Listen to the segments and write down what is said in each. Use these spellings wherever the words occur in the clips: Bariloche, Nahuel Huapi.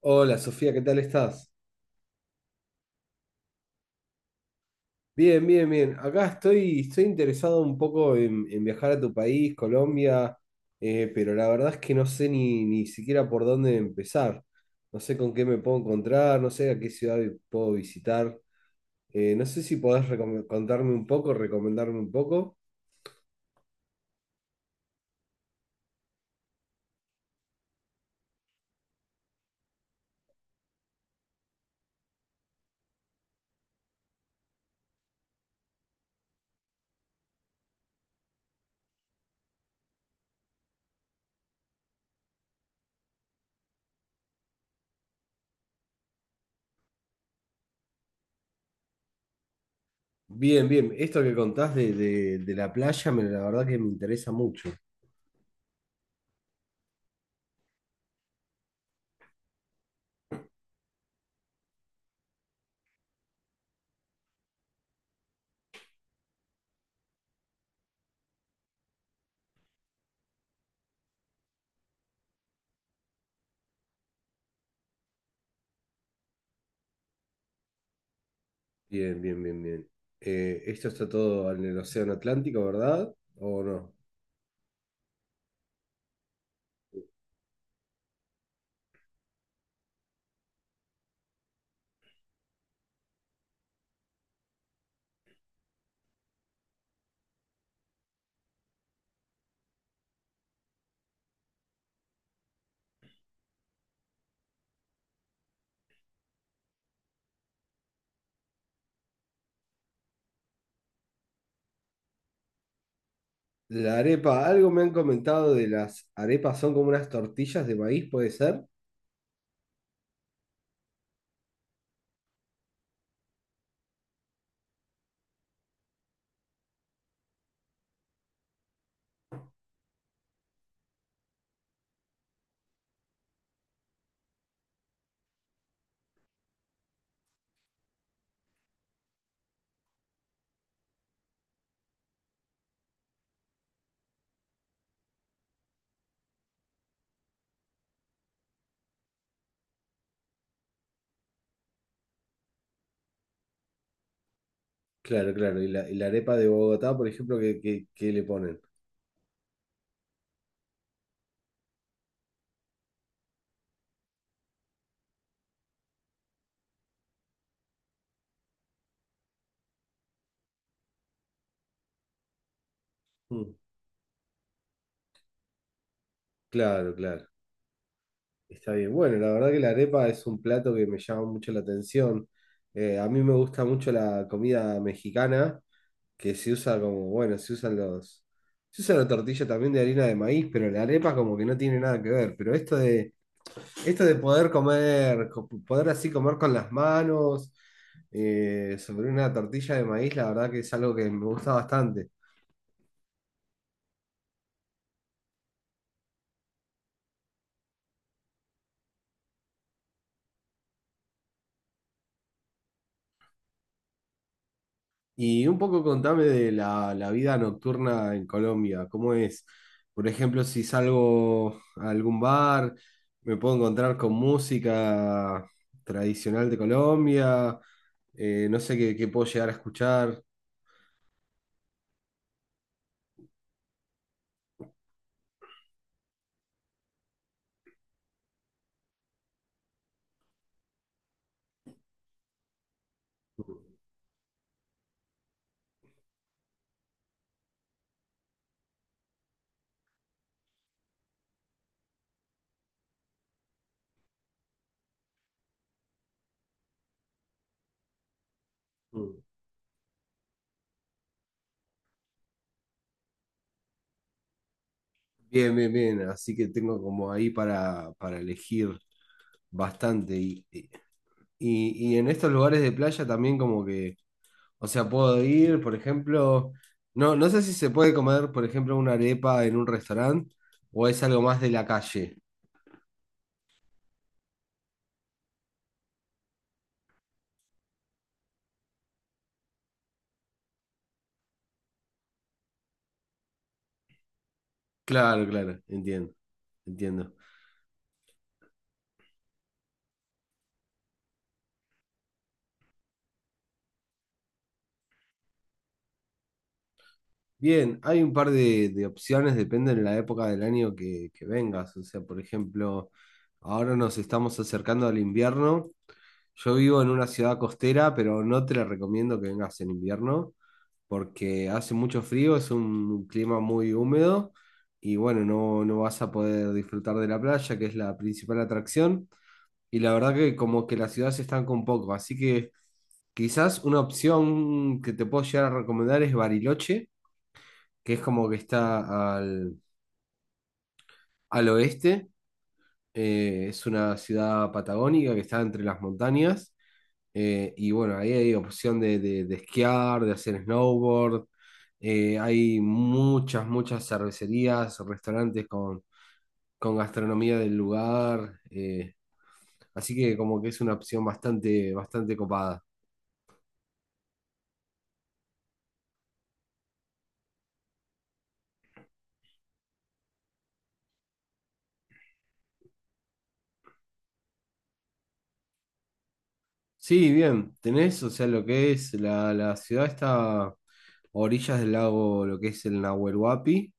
Hola Sofía, ¿qué tal estás? Bien, bien, bien. Acá estoy interesado un poco en viajar a tu país, Colombia, pero la verdad es que no sé ni siquiera por dónde empezar. No sé con qué me puedo encontrar, no sé a qué ciudad puedo visitar. No sé si podés contarme un poco, recomendarme un poco. Bien, bien. Esto que contás de la playa, me, la verdad que me interesa mucho. Bien, bien, bien, bien. Esto está todo en el Océano Atlántico, ¿verdad? ¿O no? La arepa, algo me han comentado de las arepas, son como unas tortillas de maíz, ¿puede ser? Claro, claro. Y y la arepa de Bogotá, por ejemplo, que le ponen. Mm, claro, claro. Está bien. Bueno, la verdad que la arepa es un plato que me llama mucho la atención. A mí me gusta mucho la comida mexicana, que se usa como, bueno, se usan Se usa la tortilla también de harina de maíz, pero la arepa como que no tiene nada que ver. Pero esto Esto de poder poder así comer con las manos, sobre una tortilla de maíz, la verdad que es algo que me gusta bastante. Y un poco contame de la vida nocturna en Colombia, ¿cómo es? Por ejemplo, si salgo a algún bar, me puedo encontrar con música tradicional de Colombia, no sé qué puedo llegar a escuchar. Mm. Bien, bien, bien, así que tengo como ahí para elegir bastante. Y en estos lugares de playa también como o sea, puedo ir, por ejemplo, no sé si se puede comer, por ejemplo, una arepa en un restaurante o es algo más de la calle. Claro, claro, entiendo, entiendo. Bien, hay un par de opciones, depende de la época del año que vengas. O sea, por ejemplo, ahora nos estamos acercando al invierno. Yo vivo en una ciudad costera, pero no te la recomiendo que vengas en invierno porque hace mucho frío, es un clima muy húmedo y bueno, no vas a poder disfrutar de la playa, que es la principal atracción. Y la verdad que como que la ciudad se estanca un poco, así que quizás una opción que te puedo llegar a recomendar es Bariloche, que es como que está al oeste, es una ciudad patagónica que está entre las montañas. Y bueno, ahí hay opción de esquiar, de hacer snowboard. Hay muchas cervecerías, restaurantes con gastronomía del lugar. Así que como que es una opción bastante copada. Sí, bien, tenés, o sea, lo que es la ciudad está a orillas del lago, lo que es el Nahuel Huapi.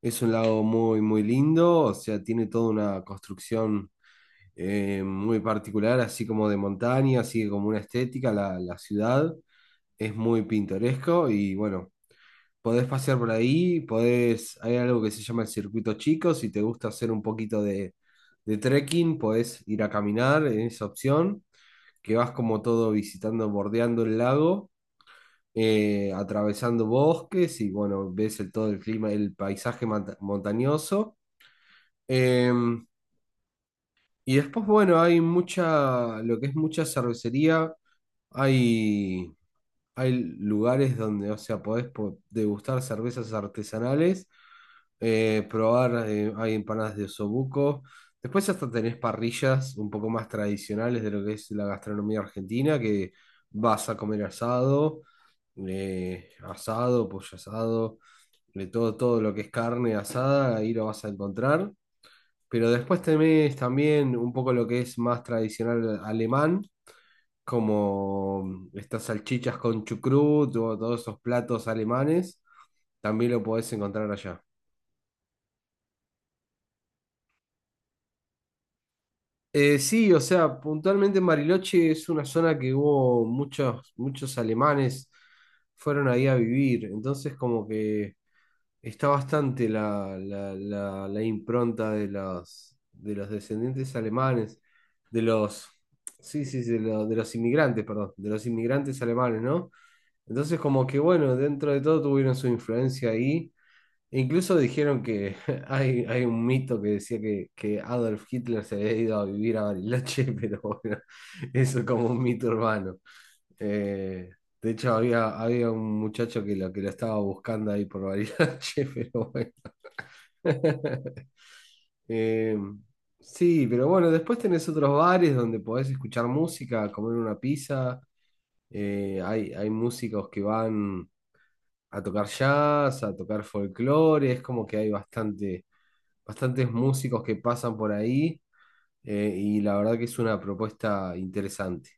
Es un lago muy lindo, o sea, tiene toda una construcción muy particular, así como de montaña, así como una estética, la ciudad es muy pintoresco y bueno, podés pasear por ahí, podés, hay algo que se llama el circuito chico, si te gusta hacer un poquito de trekking, podés ir a caminar en esa opción, que vas como todo visitando, bordeando el lago, atravesando bosques y bueno, ves el, todo el clima, el paisaje montañoso. Em, y después, bueno, hay mucha, lo que es mucha cervecería. Hay, Hay lugares donde, o sea, podés degustar cervezas artesanales, probar, hay empanadas de osobuco. Después hasta tenés parrillas un poco más tradicionales de lo que es la gastronomía argentina, que vas a comer asado, asado, pollo asado, de todo, todo lo que es carne asada, ahí lo vas a encontrar. Pero después tenés también un poco lo que es más tradicional alemán como estas salchichas con chucrut o todos esos platos alemanes, también lo podés encontrar allá. Sí, o sea, puntualmente Mariloche es una zona que hubo muchos alemanes fueron ahí a vivir, entonces como que está bastante la impronta de de los descendientes alemanes, de los, sí, sí, sí, de, de los inmigrantes, perdón, de los inmigrantes alemanes, ¿no? Entonces, como que bueno, dentro de todo tuvieron su influencia ahí. E incluso dijeron que hay un mito que decía que Adolf Hitler se había ido a vivir a Bariloche, pero bueno, eso es como un mito urbano. Eh, de hecho, había un muchacho que lo estaba buscando ahí por Bariloche, pero bueno. Eh, sí, pero bueno, después tenés otros bares donde podés escuchar música, comer una pizza. Hay músicos que van a tocar jazz, a tocar folclore, es como que hay bastante, bastantes músicos que pasan por ahí, y la verdad que es una propuesta interesante.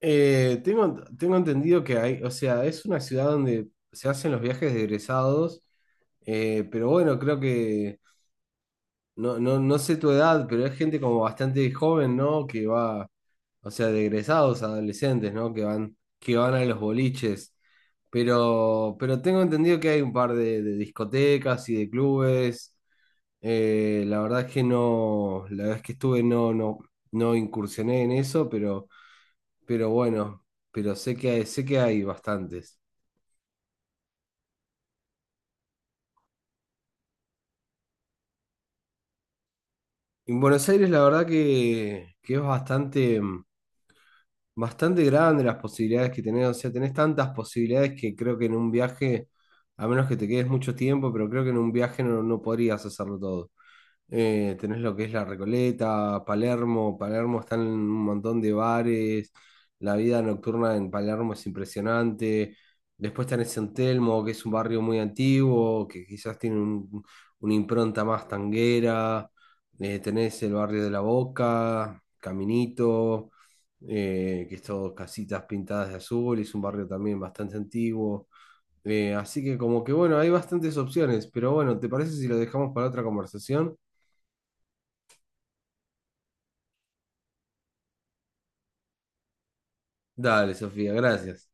Tengo entendido que hay, o sea, es una ciudad donde se hacen los viajes de egresados, pero bueno, creo que, no sé tu edad, pero hay gente como bastante joven, ¿no? Que va, o sea, de egresados adolescentes, ¿no? Que van a los boliches. Pero tengo entendido que hay un par de discotecas y de clubes. La verdad es que no, la vez que estuve no incursioné en eso, pero bueno, pero sé que hay bastantes. En Buenos Aires la verdad que es bastante, mm, bastante grande las posibilidades que tenés, o sea, tenés tantas posibilidades que creo que en un viaje, a menos que te quedes mucho tiempo, pero creo que en un viaje no podrías hacerlo todo. Tenés lo que es La Recoleta, Palermo. Palermo están en un montón de bares. La vida nocturna en Palermo es impresionante. Después tenés San Telmo, que es un barrio muy antiguo, que quizás tiene una impronta más tanguera. Tenés el barrio de La Boca, Caminito, que es todo casitas pintadas de azul. Es un barrio también bastante antiguo. Así que como que bueno, hay bastantes opciones. Pero bueno, ¿te parece si lo dejamos para otra conversación? Dale, Sofía, gracias.